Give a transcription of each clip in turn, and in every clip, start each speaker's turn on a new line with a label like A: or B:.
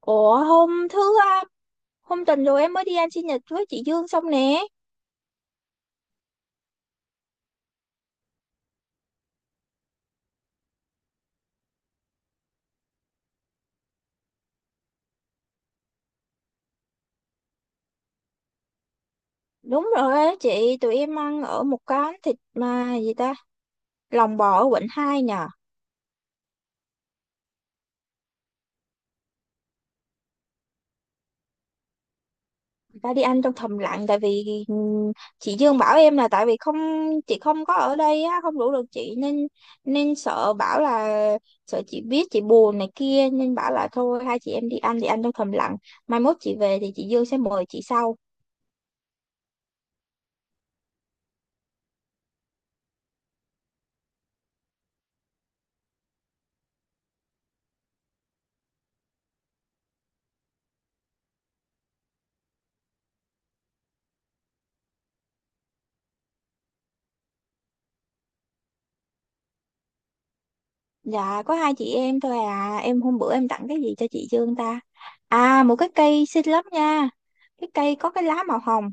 A: Ủa hôm thứ à, Hôm tuần rồi em mới đi ăn sinh nhật với chị Dương xong nè. Đúng rồi á chị, tụi em ăn ở một quán thịt mà gì ta, lòng bò ở quận 2 nhờ. Người ta đi ăn trong thầm lặng tại vì chị Dương bảo em là tại vì không chị không có ở đây á, không rủ được chị nên nên sợ bảo là sợ chị biết chị buồn này kia nên bảo là thôi hai chị em đi ăn thì ăn trong thầm lặng. Mai mốt chị về thì chị Dương sẽ mời chị sau. Dạ có hai chị em thôi à. Em hôm bữa em tặng cái gì cho chị Dương ta? À, một cái cây xinh lắm nha. Cái cây có cái lá màu hồng.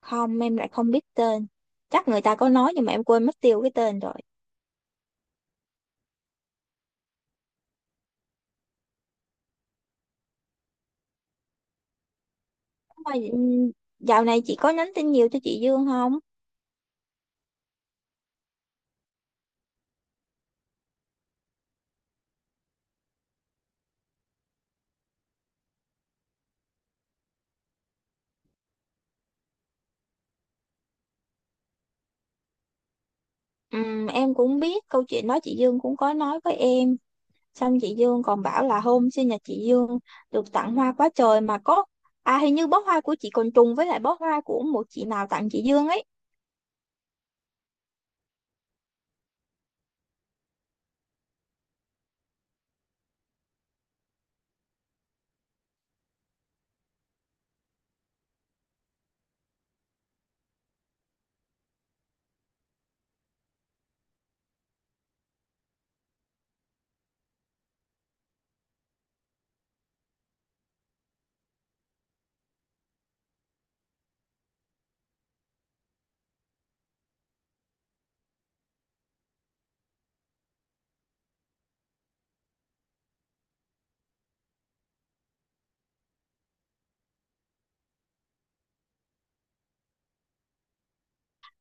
A: Không, em lại không biết tên. Chắc người ta có nói nhưng mà em quên mất tiêu cái tên rồi. Mà, ừm, Dạo này chị có nhắn tin nhiều cho chị Dương không? Em cũng biết câu chuyện đó, chị Dương cũng có nói với em. Xong chị Dương còn bảo là hôm sinh nhật chị Dương được tặng hoa quá trời mà có, à, hình như bó hoa của chị còn trùng với lại bó hoa của một chị nào tặng chị Dương ấy.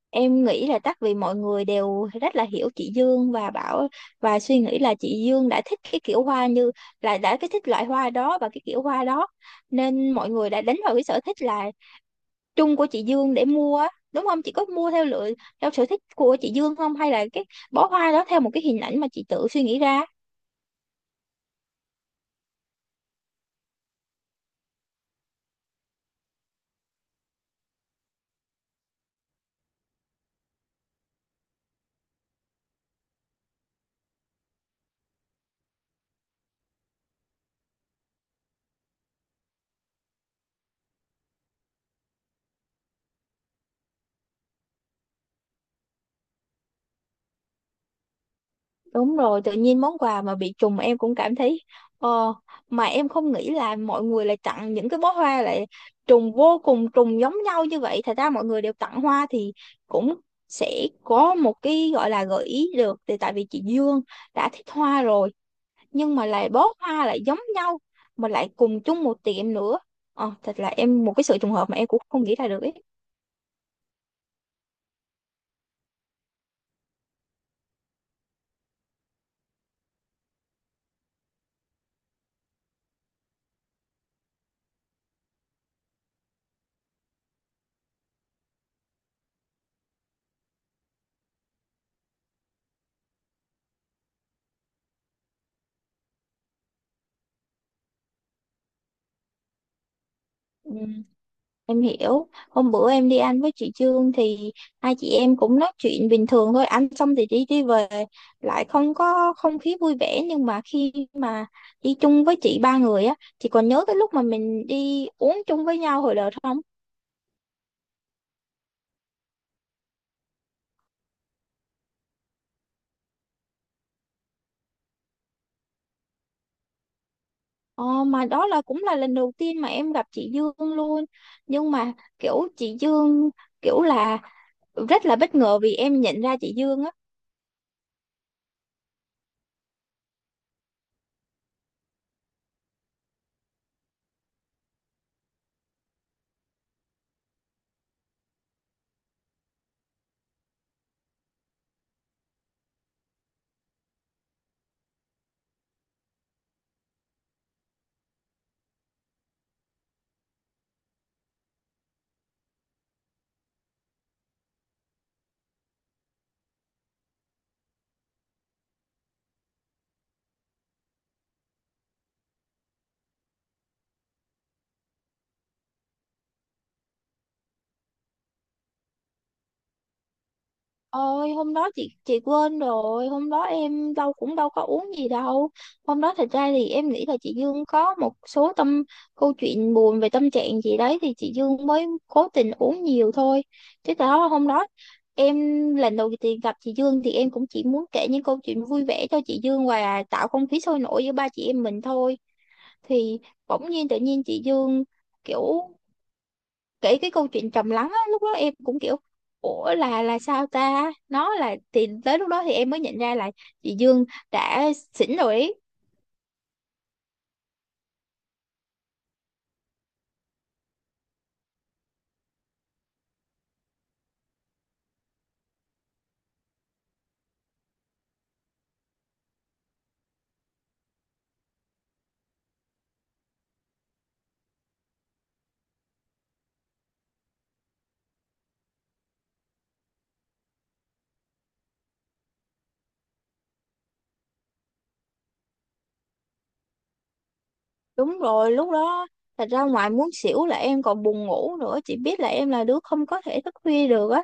A: Em nghĩ là chắc vì mọi người đều rất là hiểu chị Dương và bảo và suy nghĩ là chị Dương đã thích cái kiểu hoa như là đã cái thích loại hoa đó và cái kiểu hoa đó, nên mọi người đã đánh vào cái sở thích là chung của chị Dương để mua á, đúng không? Chị có mua theo lựa theo sở thích của chị Dương không, hay là cái bó hoa đó theo một cái hình ảnh mà chị tự suy nghĩ ra? Đúng rồi, tự nhiên món quà mà bị trùng em cũng cảm thấy ờ, mà em không nghĩ là mọi người lại tặng những cái bó hoa lại trùng vô cùng trùng giống nhau như vậy. Thật ra mọi người đều tặng hoa thì cũng sẽ có một cái gọi là gợi ý được, thì tại vì chị Dương đã thích hoa rồi nhưng mà lại bó hoa lại giống nhau mà lại cùng chung một tiệm nữa. Ờ, thật là em một cái sự trùng hợp mà em cũng không nghĩ ra được ấy. Em hiểu, hôm bữa em đi ăn với chị Trương thì hai chị em cũng nói chuyện bình thường thôi, ăn xong thì đi đi về, lại không có không khí vui vẻ, nhưng mà khi mà đi chung với chị ba người á, chị còn nhớ cái lúc mà mình đi uống chung với nhau hồi đợt không? Ờ, mà đó là cũng là lần đầu tiên mà em gặp chị Dương luôn, nhưng mà kiểu chị Dương kiểu là rất là bất ngờ vì em nhận ra chị Dương á. Ôi hôm đó chị quên rồi, hôm đó em đâu có uống gì đâu. Hôm đó thật ra thì em nghĩ là chị Dương có một số tâm câu chuyện buồn về tâm trạng gì đấy thì chị Dương mới cố tình uống nhiều thôi, chứ thật đó hôm đó em lần đầu tiên gặp chị Dương thì em cũng chỉ muốn kể những câu chuyện vui vẻ cho chị Dương và tạo không khí sôi nổi giữa ba chị em mình thôi. Thì bỗng nhiên tự nhiên chị Dương kiểu kể cái câu chuyện trầm lắng á, lúc đó em cũng kiểu ủa là sao ta, nó là thì tới lúc đó thì em mới nhận ra là chị Dương đã xỉn rồi ý. Đúng rồi, lúc đó thật ra ngoài muốn xỉu là em còn buồn ngủ nữa, chị biết là em là đứa không có thể thức khuya được á.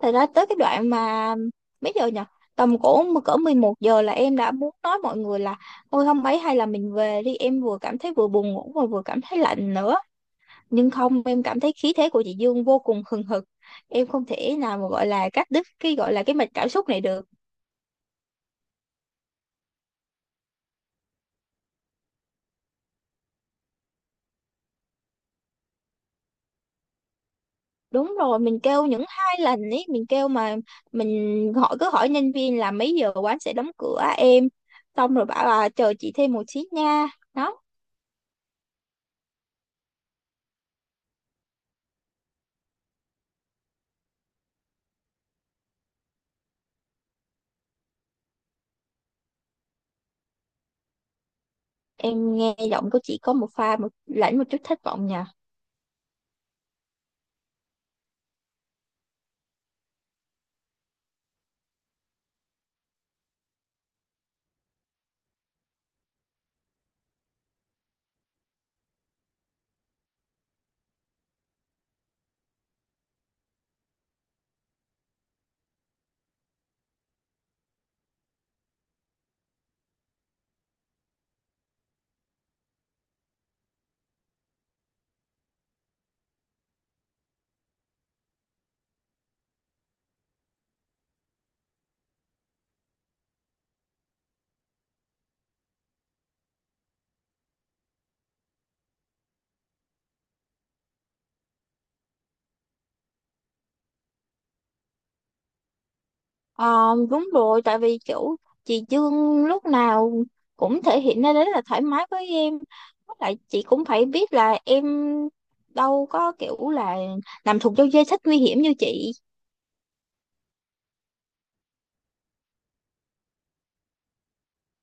A: Thật ra tới cái đoạn mà mấy giờ nhỉ, tầm cỡ cỡ 11 giờ là em đã muốn nói mọi người là thôi không ấy hay là mình về đi, em vừa cảm thấy vừa buồn ngủ mà vừa cảm thấy lạnh nữa, nhưng không, em cảm thấy khí thế của chị Dương vô cùng hừng hực, em không thể nào mà gọi là cắt đứt cái gọi là cái mạch cảm xúc này được. Đúng rồi, mình kêu những hai lần ấy mình kêu, mà mình hỏi cứ hỏi nhân viên là mấy giờ quán sẽ đóng cửa em, xong rồi bảo là chờ chị thêm một xí nha. Đó, em nghe giọng của chị có một pha một lẫn một chút thất vọng nhỉ. Ờ, đúng rồi, tại vì kiểu chị Dương lúc nào cũng thể hiện ra đấy là thoải mái với em. Với lại chị cũng phải biết là em đâu có kiểu là làm thuộc vô danh sách nguy hiểm như chị.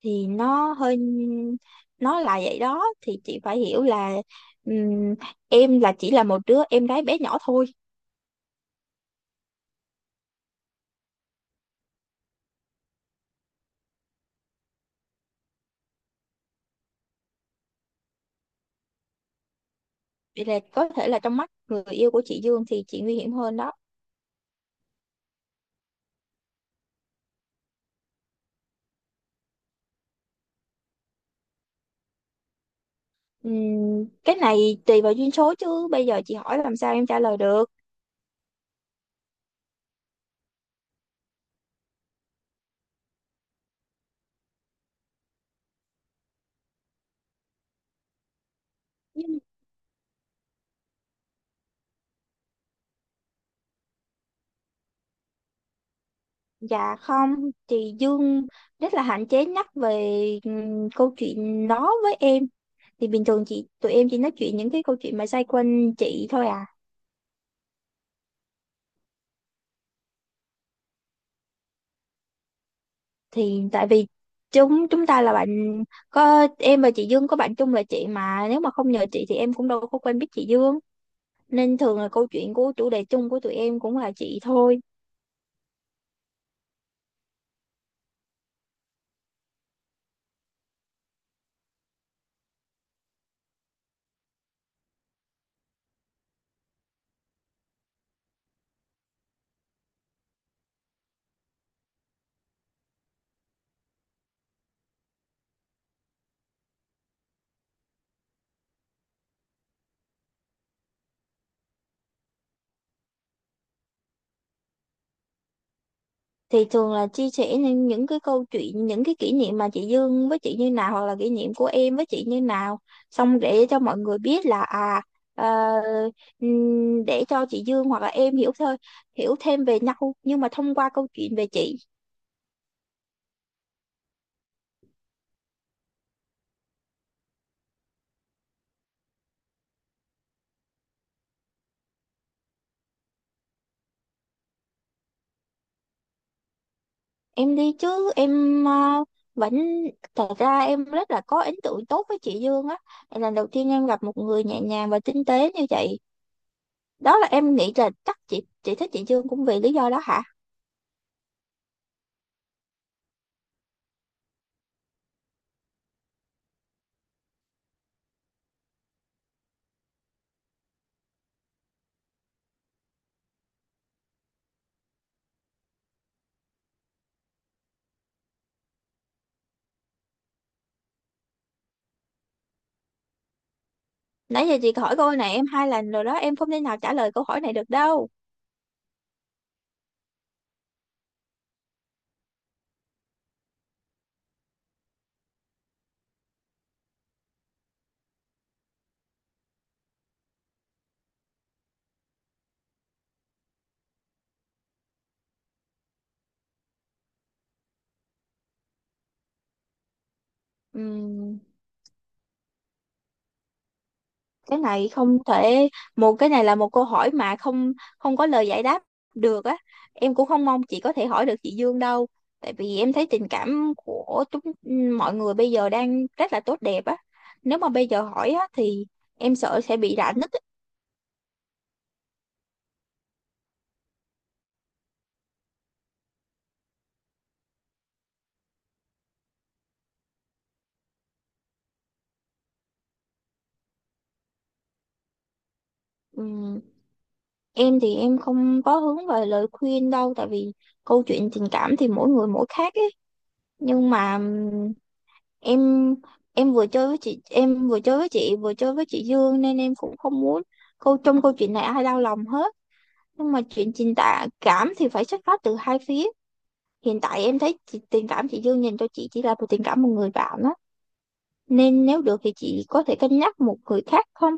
A: Thì nó hơi, nó là vậy đó, thì chị phải hiểu là ừm, em là chỉ là một đứa em gái bé nhỏ thôi. Vậy là có thể là trong mắt người yêu của chị Dương thì chị nguy hiểm hơn đó. Cái này tùy vào duyên số chứ bây giờ chị hỏi làm sao em trả lời được. Dạ không, thì Dương rất là hạn chế nhắc về câu chuyện đó với em. Thì bình thường chị tụi em chỉ nói chuyện những cái câu chuyện mà xoay quanh chị thôi à. Thì tại vì chúng chúng ta là bạn, có em và chị Dương có bạn chung là chị, mà nếu mà không nhờ chị thì em cũng đâu có quen biết chị Dương. Nên thường là câu chuyện của chủ đề chung của tụi em cũng là chị thôi. Thì thường là chia sẻ những cái câu chuyện, những cái kỷ niệm mà chị Dương với chị như nào, hoặc là kỷ niệm của em với chị như nào, xong để cho mọi người biết là ờ, để cho chị Dương hoặc là em hiểu thôi, hiểu thêm về nhau, nhưng mà thông qua câu chuyện về chị. Em đi chứ, em vẫn, thật ra em rất là có ấn tượng tốt với chị Dương á. Lần đầu tiên em gặp một người nhẹ nhàng và tinh tế như vậy, đó là em nghĩ là chắc chị thích chị Dương cũng vì lý do đó hả. Nãy giờ chị hỏi câu này em hai lần rồi đó, em không thể nào trả lời câu hỏi này được đâu. Ừm, cái này không thể, một cái này là một câu hỏi mà không không có lời giải đáp được á. Em cũng không mong chị có thể hỏi được chị Dương đâu, tại vì em thấy tình cảm của chúng mọi người bây giờ đang rất là tốt đẹp á. Nếu mà bây giờ hỏi á thì em sợ sẽ bị rạn nứt á. Ừm, em thì em không có hướng về lời khuyên đâu, tại vì câu chuyện tình cảm thì mỗi người mỗi khác ấy. Nhưng mà em em vừa chơi với chị, em vừa chơi với chị, vừa chơi với chị Dương, nên em cũng không muốn câu trong câu chuyện này ai đau lòng hết. Nhưng mà chuyện tình cảm thì phải xuất phát từ hai phía. Hiện tại em thấy chị, tình cảm chị Dương dành cho chị chỉ là một tình cảm một người bạn đó, nên nếu được thì chị có thể cân nhắc một người khác không?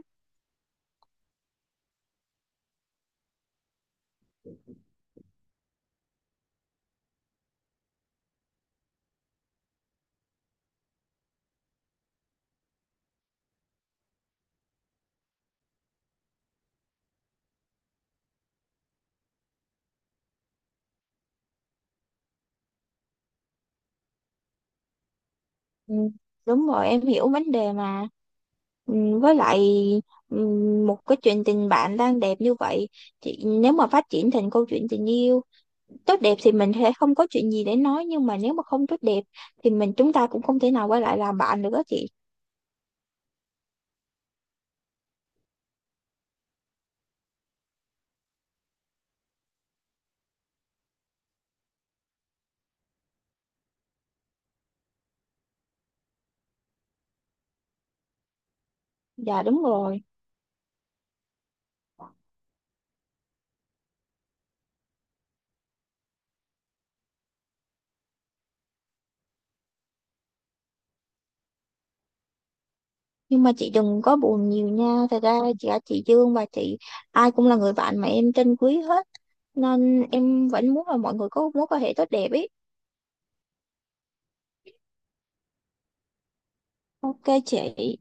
A: Ừ. Đúng rồi, em hiểu vấn đề mà. Ừ, Với lại ừ, một cái chuyện tình bạn đang đẹp như vậy, chị nếu mà phát triển thành câu chuyện tình yêu tốt đẹp thì mình sẽ không có chuyện gì để nói, nhưng mà nếu mà không tốt đẹp thì mình chúng ta cũng không thể nào quay lại làm bạn nữa chị. Dạ đúng rồi. Nhưng mà chị đừng có buồn nhiều nha, thật ra cả chị Dương và chị, ai cũng là người bạn mà em trân quý hết, nên em vẫn muốn là mọi người có mối quan hệ tốt đẹp ý. Ok chị.